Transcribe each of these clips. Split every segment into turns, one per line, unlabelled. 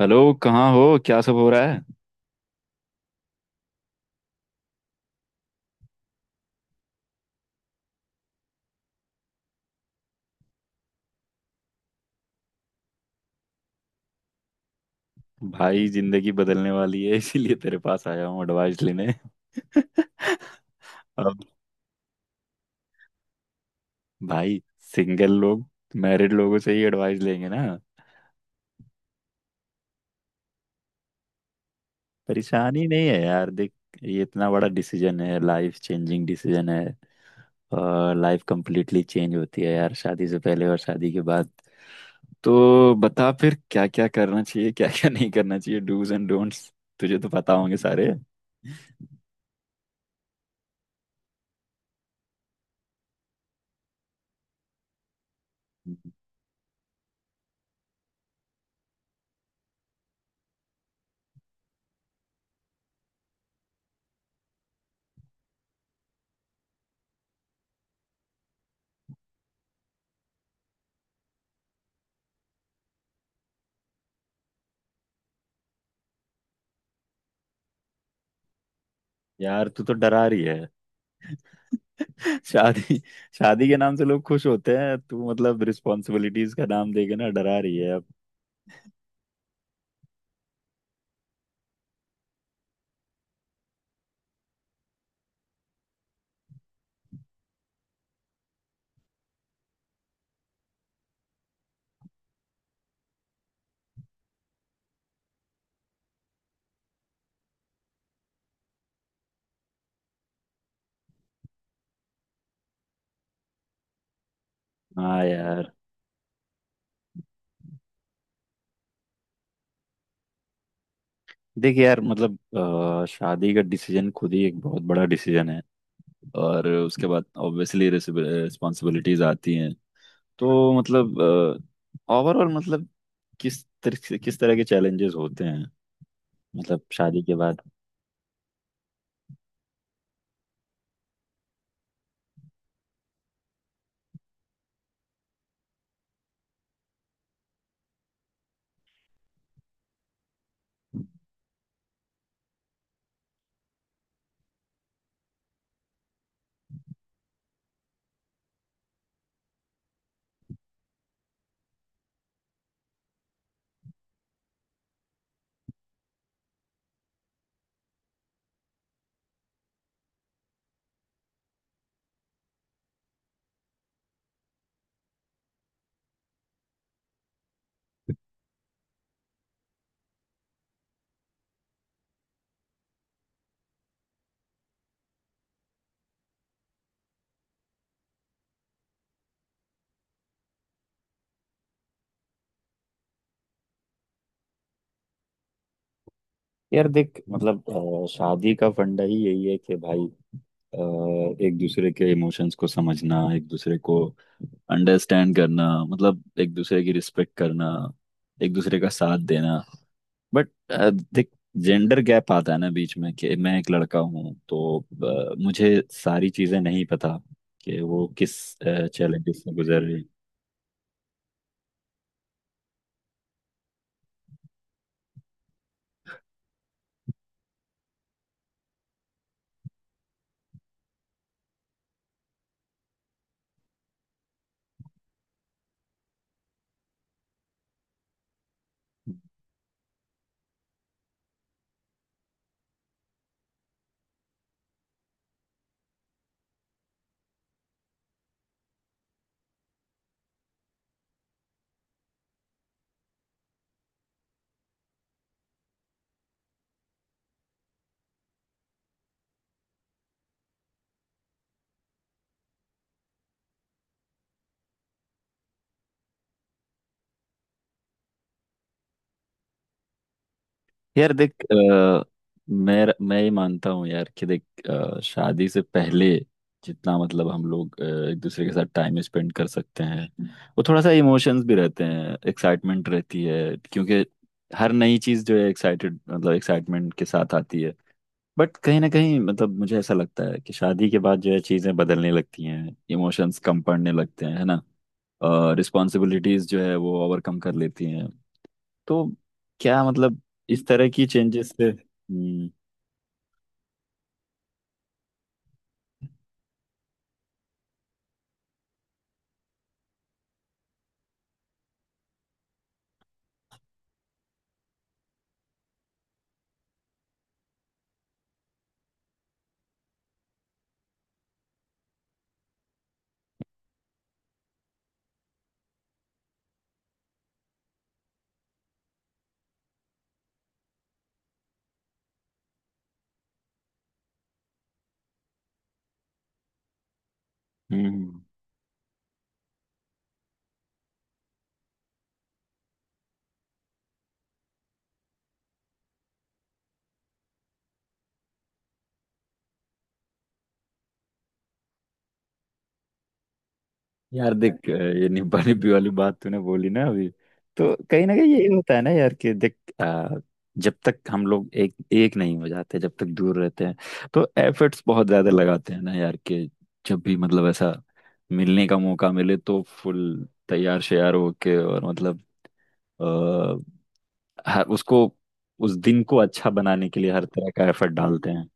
Hello. कहाँ हो? क्या सब हो रहा है? भाई, जिंदगी बदलने वाली है, इसीलिए तेरे पास आया हूँ एडवाइस लेने। अब भाई, सिंगल लोग मैरिड लोगों से ही एडवाइस लेंगे ना। परेशानी नहीं है यार, देख। ये इतना बड़ा डिसीजन है, लाइफ चेंजिंग डिसीजन है। और लाइफ कंप्लीटली चेंज होती है यार, शादी से पहले और शादी के बाद। तो बता फिर, क्या क्या करना चाहिए, क्या क्या नहीं करना चाहिए, डूज एंड डोंट्स तुझे तो पता होंगे सारे। यार तू तो डरा रही है। शादी। शादी के नाम से लोग खुश होते हैं, तू मतलब रिस्पॉन्सिबिलिटीज का नाम देके ना डरा रही है अब। हाँ। यार देख, यार मतलब शादी का डिसीजन खुद ही एक बहुत बड़ा डिसीजन है। और उसके बाद ऑब्वियसली रिस्पॉन्सिबिलिटीज आती हैं। तो मतलब, ओवरऑल मतलब, किस तरह के चैलेंजेस होते हैं, मतलब शादी के बाद? यार देख, मतलब शादी का फंडा ही यही है कि भाई, अ, एक दूसरे के इमोशंस को समझना, एक दूसरे को अंडरस्टैंड करना, मतलब एक दूसरे की रिस्पेक्ट करना, एक दूसरे का साथ देना। बट देख, जेंडर गैप आता है ना बीच में कि मैं एक लड़का हूँ, तो मुझे सारी चीजें नहीं पता कि वो किस चैलेंजेस से गुजर रही है। यार देख, मैं ये मानता हूँ यार कि देख, शादी से पहले जितना, मतलब हम लोग एक दूसरे के साथ टाइम स्पेंड कर सकते हैं, वो थोड़ा सा इमोशंस भी रहते हैं, एक्साइटमेंट रहती है, क्योंकि हर नई चीज़ जो है एक्साइटेड मतलब एक्साइटमेंट के साथ आती है। बट कहीं ना कहीं, मतलब मुझे ऐसा लगता है कि शादी के बाद जो है चीज़ें बदलने लगती हैं, इमोशंस कम पड़ने लगते हैं, है ना? रिस्पॉन्सिबिलिटीज़ जो है वो ओवरकम कर लेती हैं। तो क्या मतलब, इस तरह की चेंजेस से? हम्म। यार देख, ये निब्बा निब्बी वाली बात तूने बोली ना अभी। तो कहीं ना कहीं यही होता है ना यार, कि देख, अ, जब तक हम लोग एक एक नहीं हो जाते, जब तक दूर रहते हैं, तो एफर्ट्स बहुत ज्यादा लगाते हैं ना यार, कि जब भी मतलब ऐसा मिलने का मौका मिले, तो फुल तैयार श्यार होके, और मतलब आ, हर उसको उस दिन को अच्छा बनाने के लिए हर तरह का एफर्ट डालते हैं।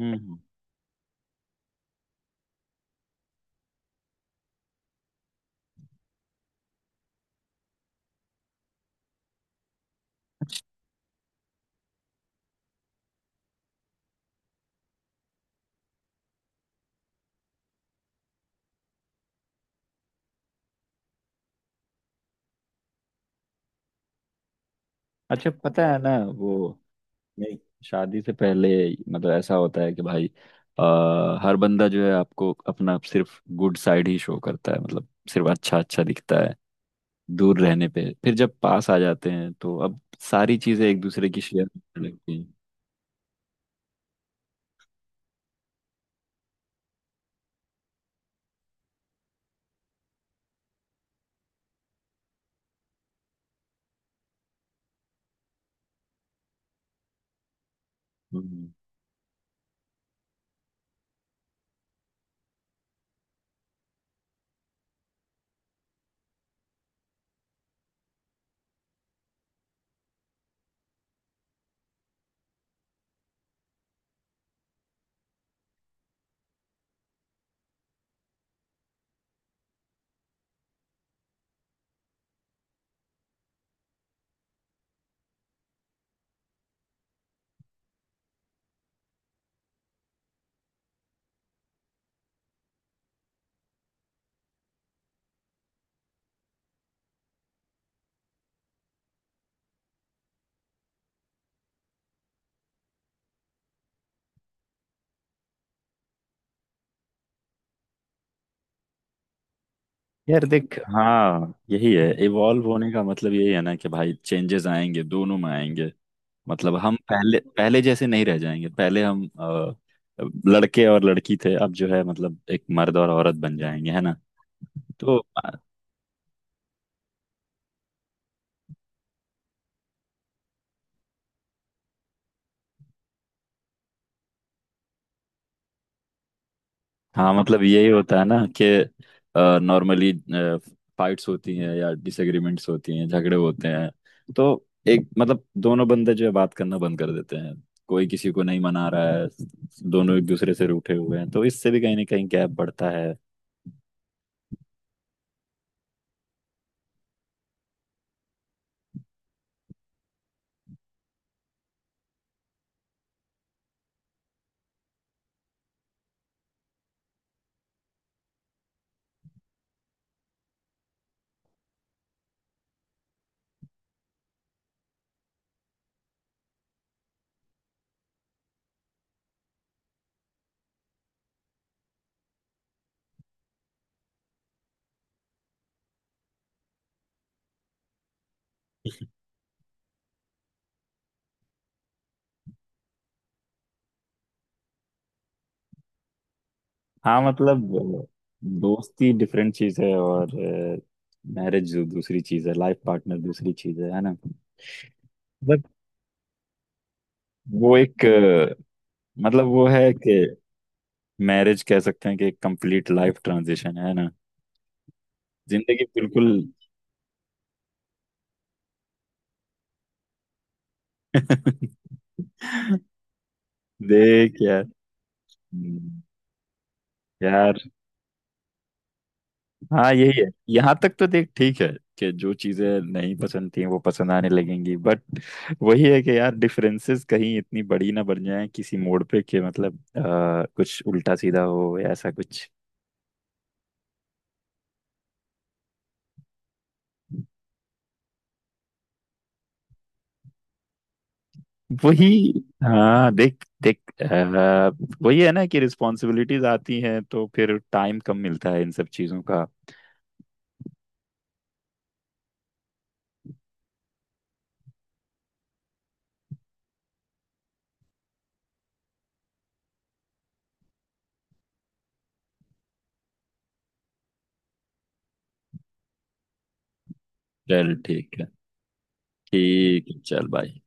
हम्म। अच्छा, पता है ना? वो। नहीं। शादी से पहले, मतलब ऐसा होता है कि भाई, हर बंदा जो है आपको अपना सिर्फ गुड साइड ही शो करता है, मतलब सिर्फ अच्छा अच्छा दिखता है। दूर रहने पे, फिर जब पास आ जाते हैं तो अब सारी चीजें एक दूसरे की शेयर करने लगती हैं। हम्म। यार देख, हाँ यही है। इवॉल्व होने का मतलब यही है ना कि भाई, चेंजेस आएंगे, दोनों में आएंगे। मतलब हम पहले पहले जैसे नहीं रह जाएंगे। पहले हम लड़के और लड़की थे, अब जो है मतलब एक मर्द और औरत बन जाएंगे, है ना? तो हाँ, मतलब यही होता है ना कि नॉर्मली फाइट्स होती हैं या डिसएग्रीमेंट्स होती हैं, झगड़े होते हैं। तो एक मतलब दोनों बंदे जो है बात करना बंद कर देते हैं, कोई किसी को नहीं मना रहा है, दोनों एक दूसरे से रूठे हुए हैं, तो इससे भी कहीं ना कहीं गैप बढ़ता है। हाँ मतलब, अ, दोस्ती डिफरेंट चीज है, और मैरिज दूसरी चीज है, लाइफ पार्टनर दूसरी चीज है ना? बट वो एक, मतलब वो है कि मैरिज कह सकते हैं कि एक कंप्लीट लाइफ ट्रांजिशन है ना। जिंदगी बिल्कुल। देख यार, हम्म, यार हाँ यही है। यहाँ तक तो देख ठीक है कि जो चीजें नहीं पसंद थी वो पसंद आने लगेंगी, बट वही है कि यार, डिफरेंसेस कहीं इतनी बड़ी ना बन जाए किसी मोड़ पे कि मतलब कुछ उल्टा सीधा हो या ऐसा कुछ। वही। हाँ देख देख, वही है ना कि रिस्पॉन्सिबिलिटीज आती हैं तो फिर टाइम कम मिलता है इन सब चीजों का। चल ठीक है। ठीक है, चल भाई।